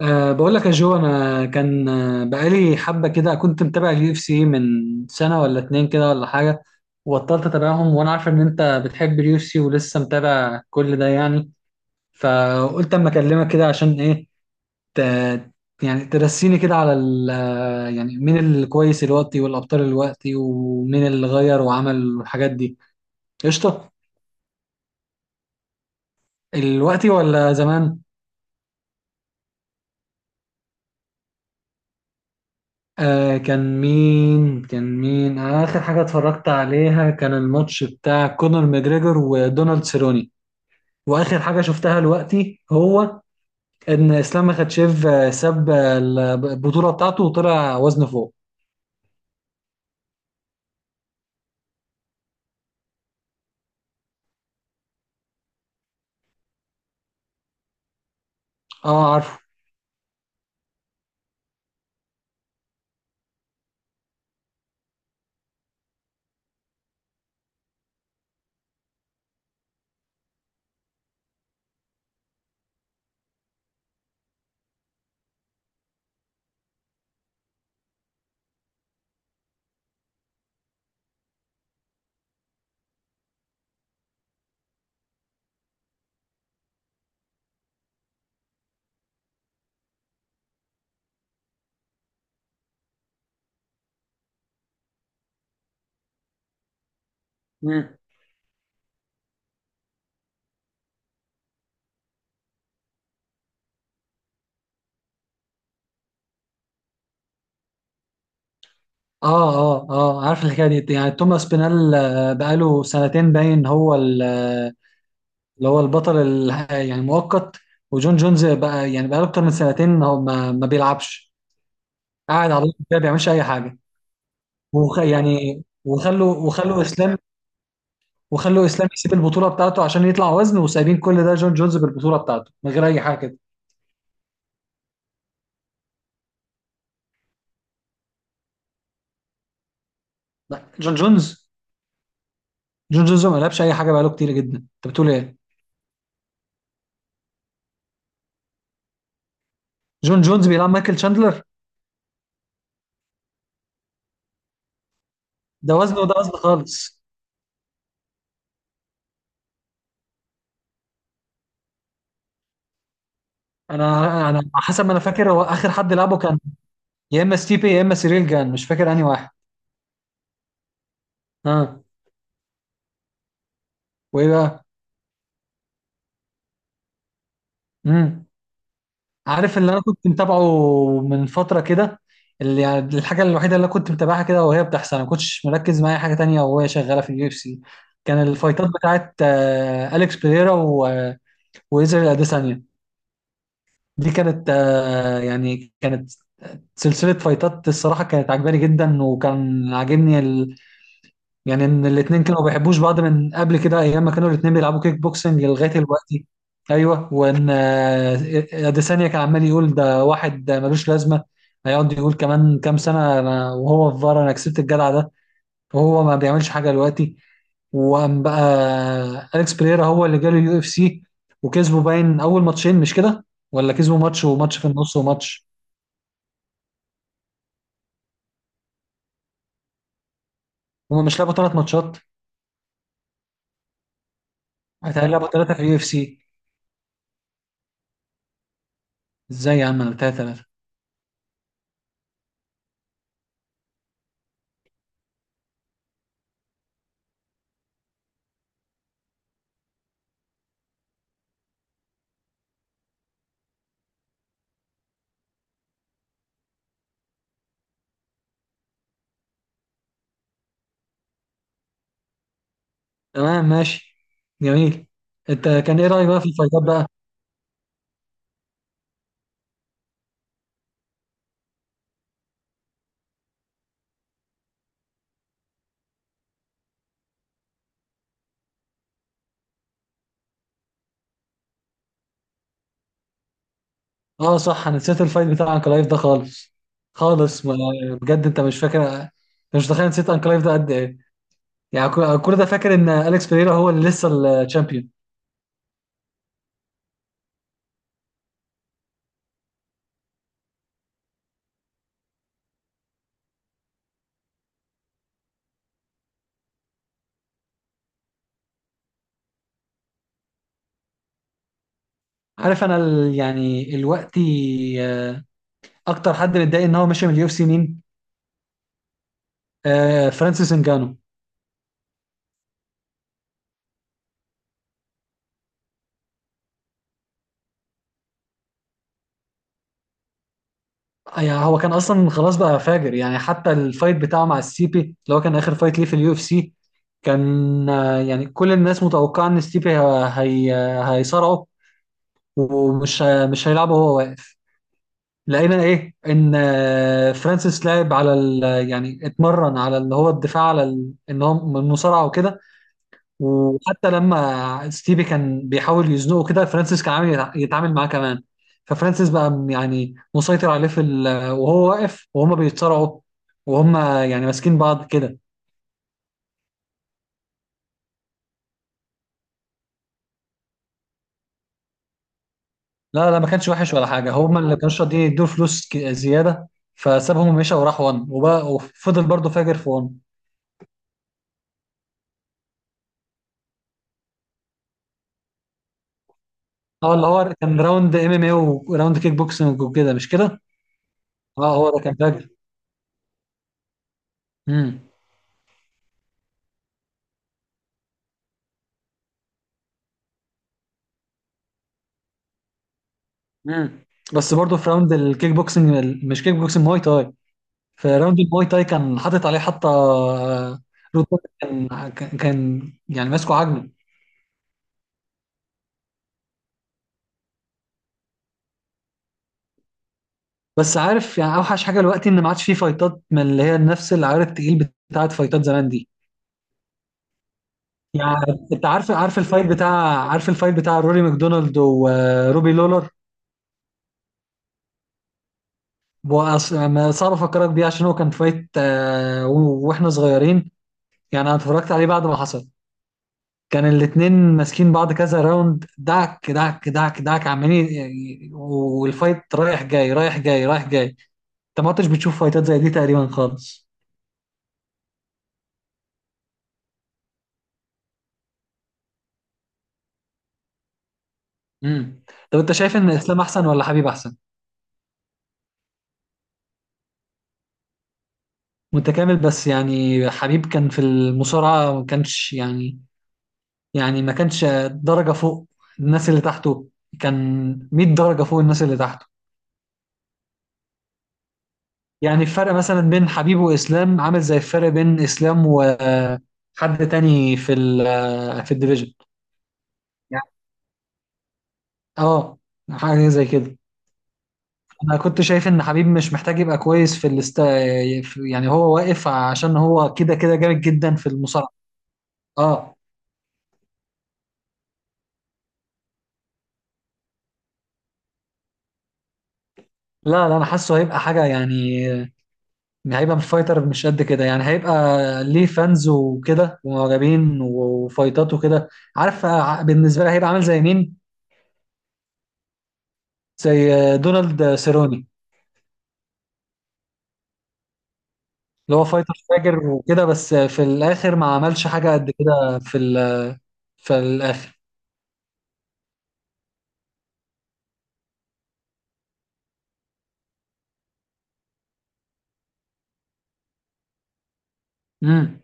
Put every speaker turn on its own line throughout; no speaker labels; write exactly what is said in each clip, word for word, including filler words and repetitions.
أه بقول لك يا جو انا كان آه، بقالي حبه كده كنت متابع اليو اف سي من سنه ولا اتنين كده ولا حاجه. وبطلت اتابعهم وانا عارف ان انت بتحب اليو اف سي ولسه متابع كل ده، يعني فقلت اما اكلمك كده عشان ايه. ت... يعني ترسيني كده على ال... آه، يعني مين الكويس الوقتي والابطال الوقتي ومين اللي غير وعمل الحاجات دي. قشطه. الوقتي ولا زمان؟ آه، كان مين كان مين آخر حاجة اتفرجت عليها كان الماتش بتاع كونر ماجريجور ودونالد سيروني. وآخر حاجة شفتها دلوقتي هو إن إسلام مخاتشيف آه، ساب آه، البطولة بتاعته وطلع وزنه فوق. اه، عارفه. مم. اه اه اه عارف الحكاية دي، يعني توماس بينال آه، بقاله سنتين باين، هو ال- آه، اللي هو البطل ال- آه، يعني مؤقت. وجون جونز بقى يعني بقاله أكتر من سنتين هو ما, ما بيلعبش، قاعد على طول كده ما بيعملش أي حاجة. وخ... يعني وخلوا وخلوا اسلام، وخلوا اسلام يسيب البطوله بتاعته عشان يطلع وزن، وسايبين كل ده جون جونز بالبطوله بتاعته من غير اي حاجه كده. لا، جون جونز، جون جونز ما لعبش اي حاجه بقاله كتير جدا، انت بتقول ايه؟ جون جونز بيلعب مايكل شاندلر؟ ده وزنه وده وزن خالص. انا انا حسب ما انا فاكر هو اخر حد لعبه كان يا اما ستيبي يا اما سيريل جان، مش فاكر انهي واحد. ها. وايه بقى؟ امم عارف اللي انا كنت متابعه من فتره كده، اللي يعني الحاجه الوحيده اللي أنا كنت متابعها كده وهي بتحصل، انا ما كنتش مركز مع اي حاجه تانية وهي شغاله في اليو اف سي، كان الفايتات بتاعت آه، اليكس بيريرا و- وإيزرايل اديسانيا. دي كانت آه، يعني كانت سلسله فايتات الصراحه كانت عجباني جدا، وكان عاجبني يعني ان الاتنين كانوا ما بيحبوش بعض من قبل كده، ايام ما كانوا الاتنين بيلعبوا كيك بوكسنج لغايه دلوقتي. ايوه، وان آه، اديسانيا كان عمال يقول ده واحد ده ملوش لازمه، هيقعد يقول كمان كام سنه أنا وهو في فار انا كسبت الجدع ده، وهو ما بيعملش حاجه دلوقتي. وقام بقى اليكس بريرا هو اللي جاله اليو اف سي، وكسبوا باين اول ماتشين، مش كده؟ ولا كسبوا ماتش وماتش في النص وماتش. هما مش لعبوا ثلاث ماتشات؟ هيتهيألي لعبوا ثلاثه في اليو اف سي. ازاي يا عم، ثلاثه. تمام ماشي. جميل. انت كان ايه رايك بقى في الفايتات بقى؟ اه صح، انا نسيت الفايت بتاع انكلايف ده خالص، خالص. ما بجد انت مش فاكر، انت مش متخيل نسيت انكلايف ده قد ايه، يعني كل كل ده فاكر ان اليكس بيريرا هو اللي لسه الشامبيون. عارف انا ال... يعني الوقت آه، اكتر حد متضايق ان هو ماشي من اليو اف سي مين؟ آه، فرانسيس انجانو. يعني هو كان اصلا خلاص بقى فاجر، يعني حتى الفايت بتاعه مع السيبي اللي هو كان اخر فايت ليه في اليو اف سي كان، آه، يعني كل الناس متوقعه ان ستيبي ه- هي هيصارعه ومش ه- مش هيلعبه وهو واقف. لقينا ايه ان آه، فرانسيس لعب على ال، يعني اتمرن على اللي هو الدفاع على ال- ان هو من المصارعه وكده. وحتى لما ستيفي كان بيحاول يزنقه كده فرانسيس كان عامل يتع- يتعامل معاه كمان. ففرانسيس بقى م- يعني مسيطر عليه في ال... وهو واقف وهما بيتصارعوا، وهما يعني ماسكين بعض كده. لا لا، ما كانش وحش ولا حاجه، هما اللي كانوا راضيين يدوا فلوس ك- زياده، فسابهم ومشى وراح وان، وبقى وفضل برضه فاجر في وان. اه، اللي هو كان راوند ام ام اي وراوند كيك بوكسنج وكده، مش كده؟ اه، هو ده كان فاجر. امم امم بس برضه في راوند الكيك بوكسنج، مش كيك بوكسنج، مواي تاي. في راوند المواي تاي كان حاطط عليه حتى رود داك، كان كان كان يعني ماسكه عاجله. بس عارف، يعني اوحش حاجه دلوقتي ان ما عادش فيه فايتات من اللي هي نفس العيار التقيل بتاعت فايتات زمان دي. يعني انت عارف، عارف الفايت بتاع عارف الفايت بتاع روري ماكدونالد وروبي لولر؟ وأص- ما صعب افكرك بيه عشان هو كان فايت آه، و- واحنا صغيرين، يعني انا اتفرجت عليه بعد ما حصل. كان الاتنين ماسكين بعض كذا راوند، دعك دعك دعك دعك عمالين، يعني والفايت رايح جاي رايح جاي رايح جاي. انت ما كنتش بتشوف فايتات زي دي تقريبا خالص. امم. طب انت شايف ان اسلام احسن ولا حبيب احسن؟ متكامل، بس يعني حبيب كان في المصارعة، ما كانش يعني، يعني ما كانش درجة فوق الناس اللي تحته، كان مية درجة فوق الناس اللي تحته. يعني الفرق مثلا بين حبيب واسلام عامل زي الفرق بين اسلام وحد تاني في ال- في الديفيجن. يعني اه، حاجه زي كده. انا كنت شايف ان حبيب مش محتاج يبقى كويس في الاست، في- يعني هو واقف عشان هو كده كده جامد جدا في المصارعه. اه. لا لا، انا حاسه هيبقى حاجه، يعني هيبقى فايتر مش قد كده، يعني هيبقى ليه فانز وكده ومعجبين وفايتات وكده. عارف آه، بالنسبه لي هيبقى عامل زي مين؟ زي آه، دونالد سيروني، اللي هو فايتر فاجر وكده، بس في الاخر ما عملش حاجه قد كده في ال- في الاخر. امم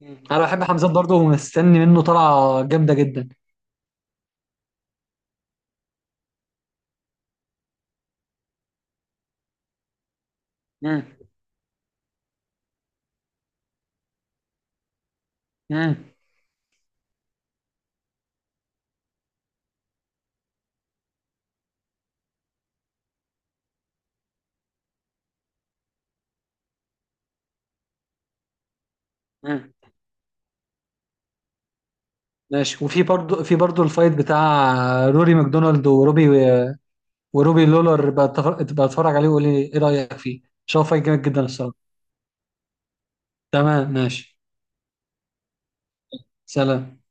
مم. انا بحب حمزات برضه ومستني منه طلعه جامده جدا. مم. مم. مم. ماشي. وفي برضه، في برضه الفايت بتاع روري ماكدونالد وروبي وروبي لولر بقى، اتفرج عليه وقول لي ايه رايك فيه، شوف فايت جامد جدا الصراحه. تمام ماشي. سلام.